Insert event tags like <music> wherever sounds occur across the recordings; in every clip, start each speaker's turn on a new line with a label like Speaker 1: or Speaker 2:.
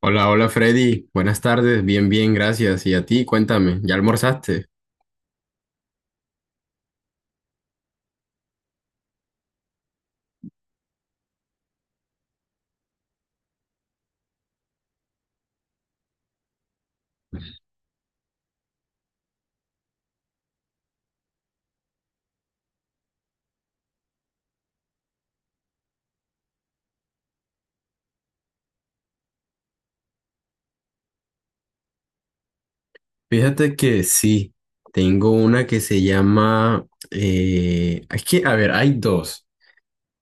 Speaker 1: Hola, hola Freddy, buenas tardes, bien, bien, gracias. Y a ti, cuéntame, ¿ya almorzaste? Fíjate que sí, tengo una que se llama, es que, a ver, hay dos,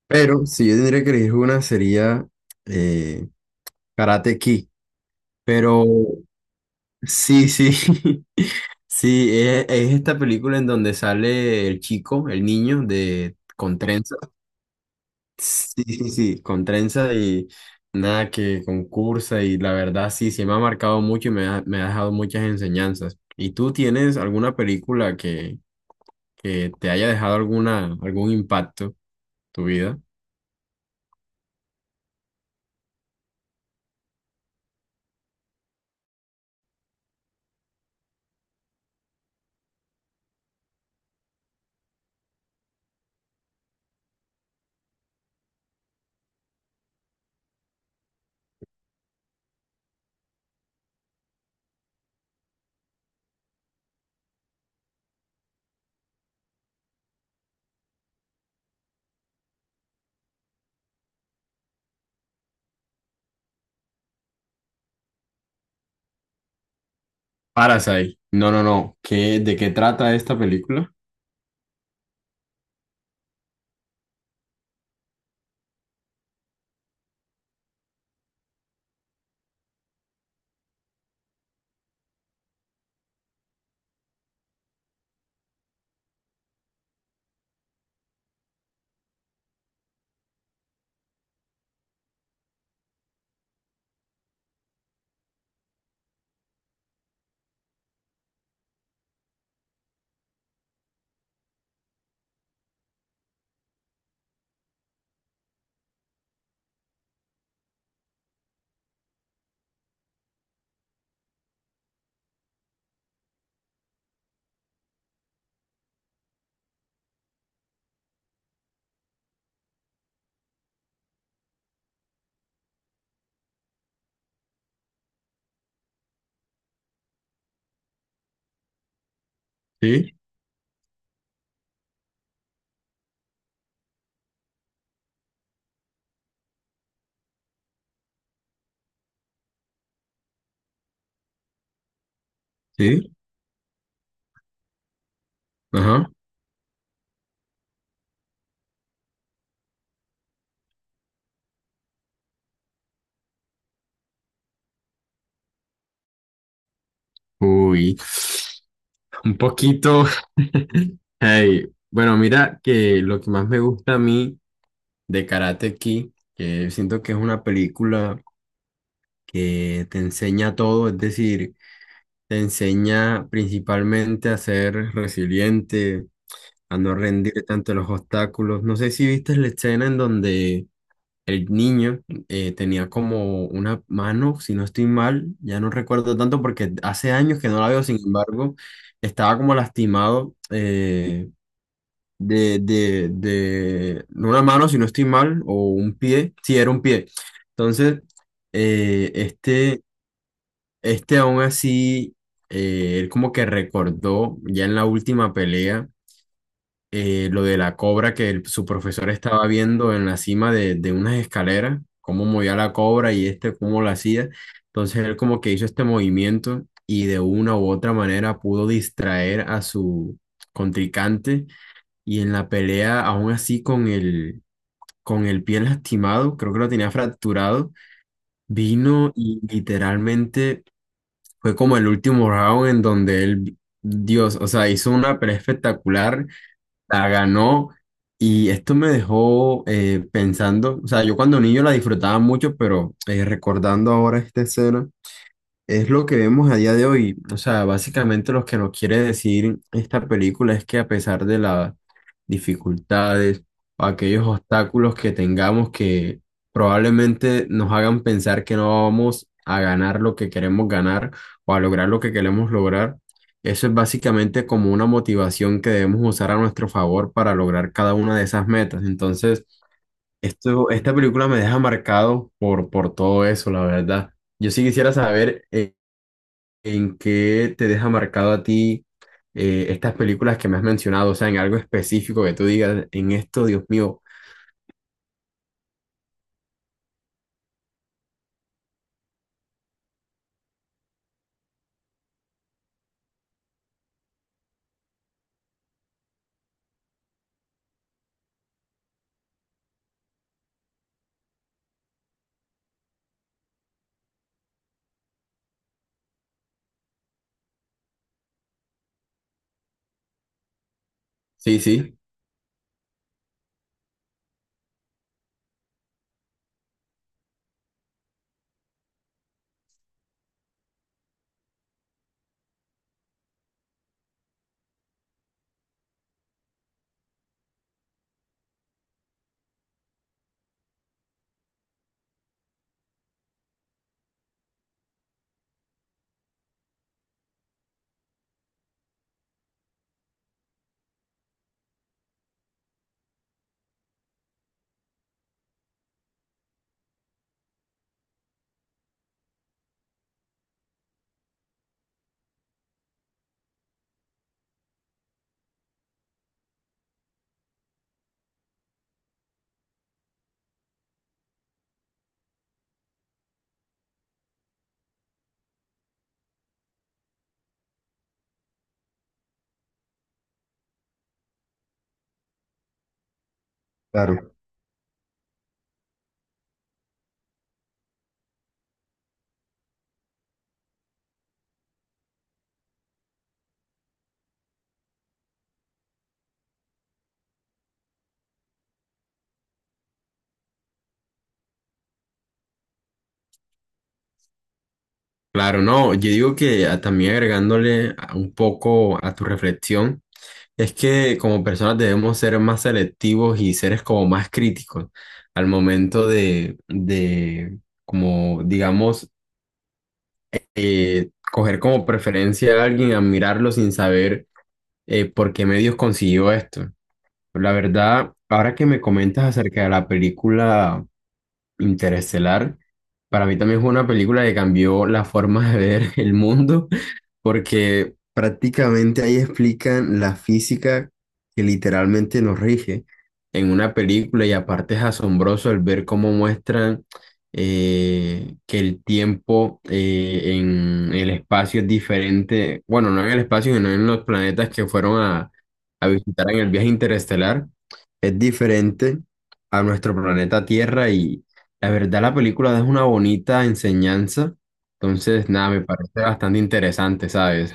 Speaker 1: pero si yo tendría que elegir una sería eh, Karate Kid, pero sí, sí, <laughs> sí, es esta película en donde sale el chico, el niño de con trenza. Sí, sí, sí, con trenza y nada que concursa y la verdad sí, sí me ha marcado mucho y me ha dejado muchas enseñanzas. ¿Y tú tienes alguna película que te haya dejado alguna, algún impacto en tu vida? Parasite. No, no, no. ¿Qué, de qué trata esta película? Sí, sí, ajá. Uy, <sniffs> un poquito. <laughs> Hey, bueno, mira que lo que más me gusta a mí de Karate Kid, que siento que es una película que te enseña todo, es decir, te enseña principalmente a ser resiliente, a no rendir ante los obstáculos. No sé si viste la escena en donde el niño tenía como una mano, si no estoy mal, ya no recuerdo tanto porque hace años que no la veo, sin embargo, estaba como lastimado. De no una mano, si no estoy mal, o un pie, sí, era un pie. Entonces, eh, este este aún así, él como que recordó ya en la última pelea lo de la cobra que su profesor estaba viendo en la cima de unas escaleras, cómo movía la cobra y este cómo la hacía. Entonces él como que hizo este movimiento y de una u otra manera pudo distraer a su contrincante y en la pelea aún así con con el pie lastimado, creo que lo tenía fracturado, vino y literalmente fue como el último round en donde él, Dios, o sea, hizo una pelea espectacular, la ganó y esto me dejó pensando, o sea, yo cuando niño la disfrutaba mucho, pero recordando ahora esta escena, es lo que vemos a día de hoy. O sea, básicamente lo que nos quiere decir esta película es que a pesar de las dificultades o aquellos obstáculos que tengamos que probablemente nos hagan pensar que no vamos a ganar lo que queremos ganar o a lograr lo que queremos lograr, eso es básicamente como una motivación que debemos usar a nuestro favor para lograr cada una de esas metas. Entonces, esto, esta película me deja marcado por todo eso, la verdad. Yo sí quisiera saber ¿en qué te deja marcado a ti estas películas que me has mencionado? O sea, en algo específico que tú digas, en esto, Dios mío. Sí, sí, claro. Claro, no. Yo digo que ah, también un poco a tu reflexión, es que como personas debemos ser más selectivos y seres como más críticos al momento de como, digamos, coger como preferencia a alguien, admirarlo sin saber por qué medios consiguió esto. La verdad, ahora que me comentas acerca de la película. Interestelar, para mí también fue una película que cambió la forma de ver <laughs> el mundo, porque prácticamente ahí explican la física que literalmente nos rige en una película y aparte es asombroso el ver cómo muestran que el tiempo en el espacio es diferente, bueno, no en el espacio, sino en los planetas que fueron a visitar en el viaje interestelar, es diferente a nuestro planeta Tierra. La verdad, la película es una bonita enseñanza. Entonces, nada, me parece bastante interesante, ¿sabes?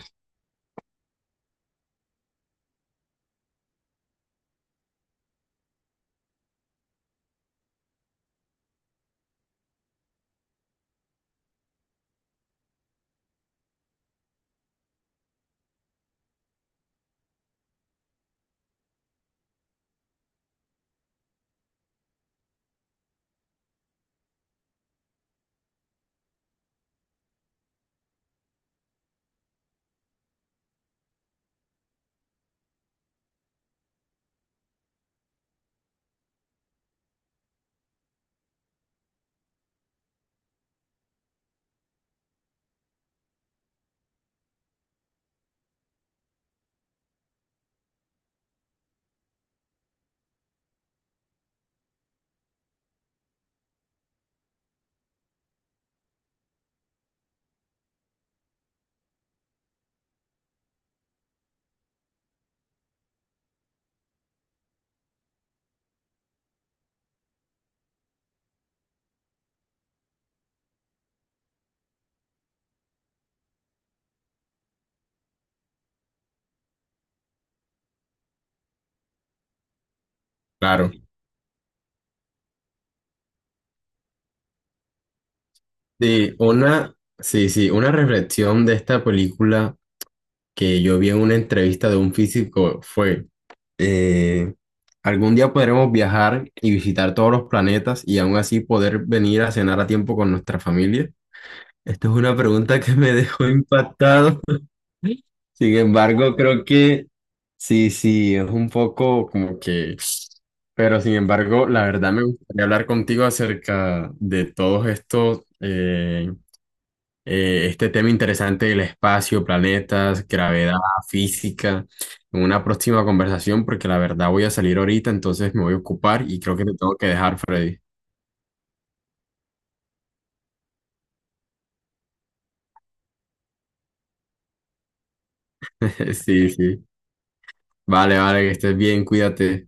Speaker 1: Claro. Sí, una, sí, sí, una reflexión de esta película que yo vi en una entrevista de un físico fue, eh, algún día podremos viajar y visitar todos los planetas y aún así poder venir a cenar a tiempo con nuestra familia. Esto es una pregunta que me dejó impactado. Sin embargo, creo que sí, sí, es un poco como que... Pero sin embargo, la verdad me gustaría hablar contigo acerca de todos estos, este tema interesante del espacio, planetas, gravedad, física, en una próxima conversación, porque la verdad voy a salir ahorita, entonces me voy a ocupar y creo que te tengo que dejar, Freddy. <laughs> Sí, sí. Vale, vale, que estés bien, cuídate.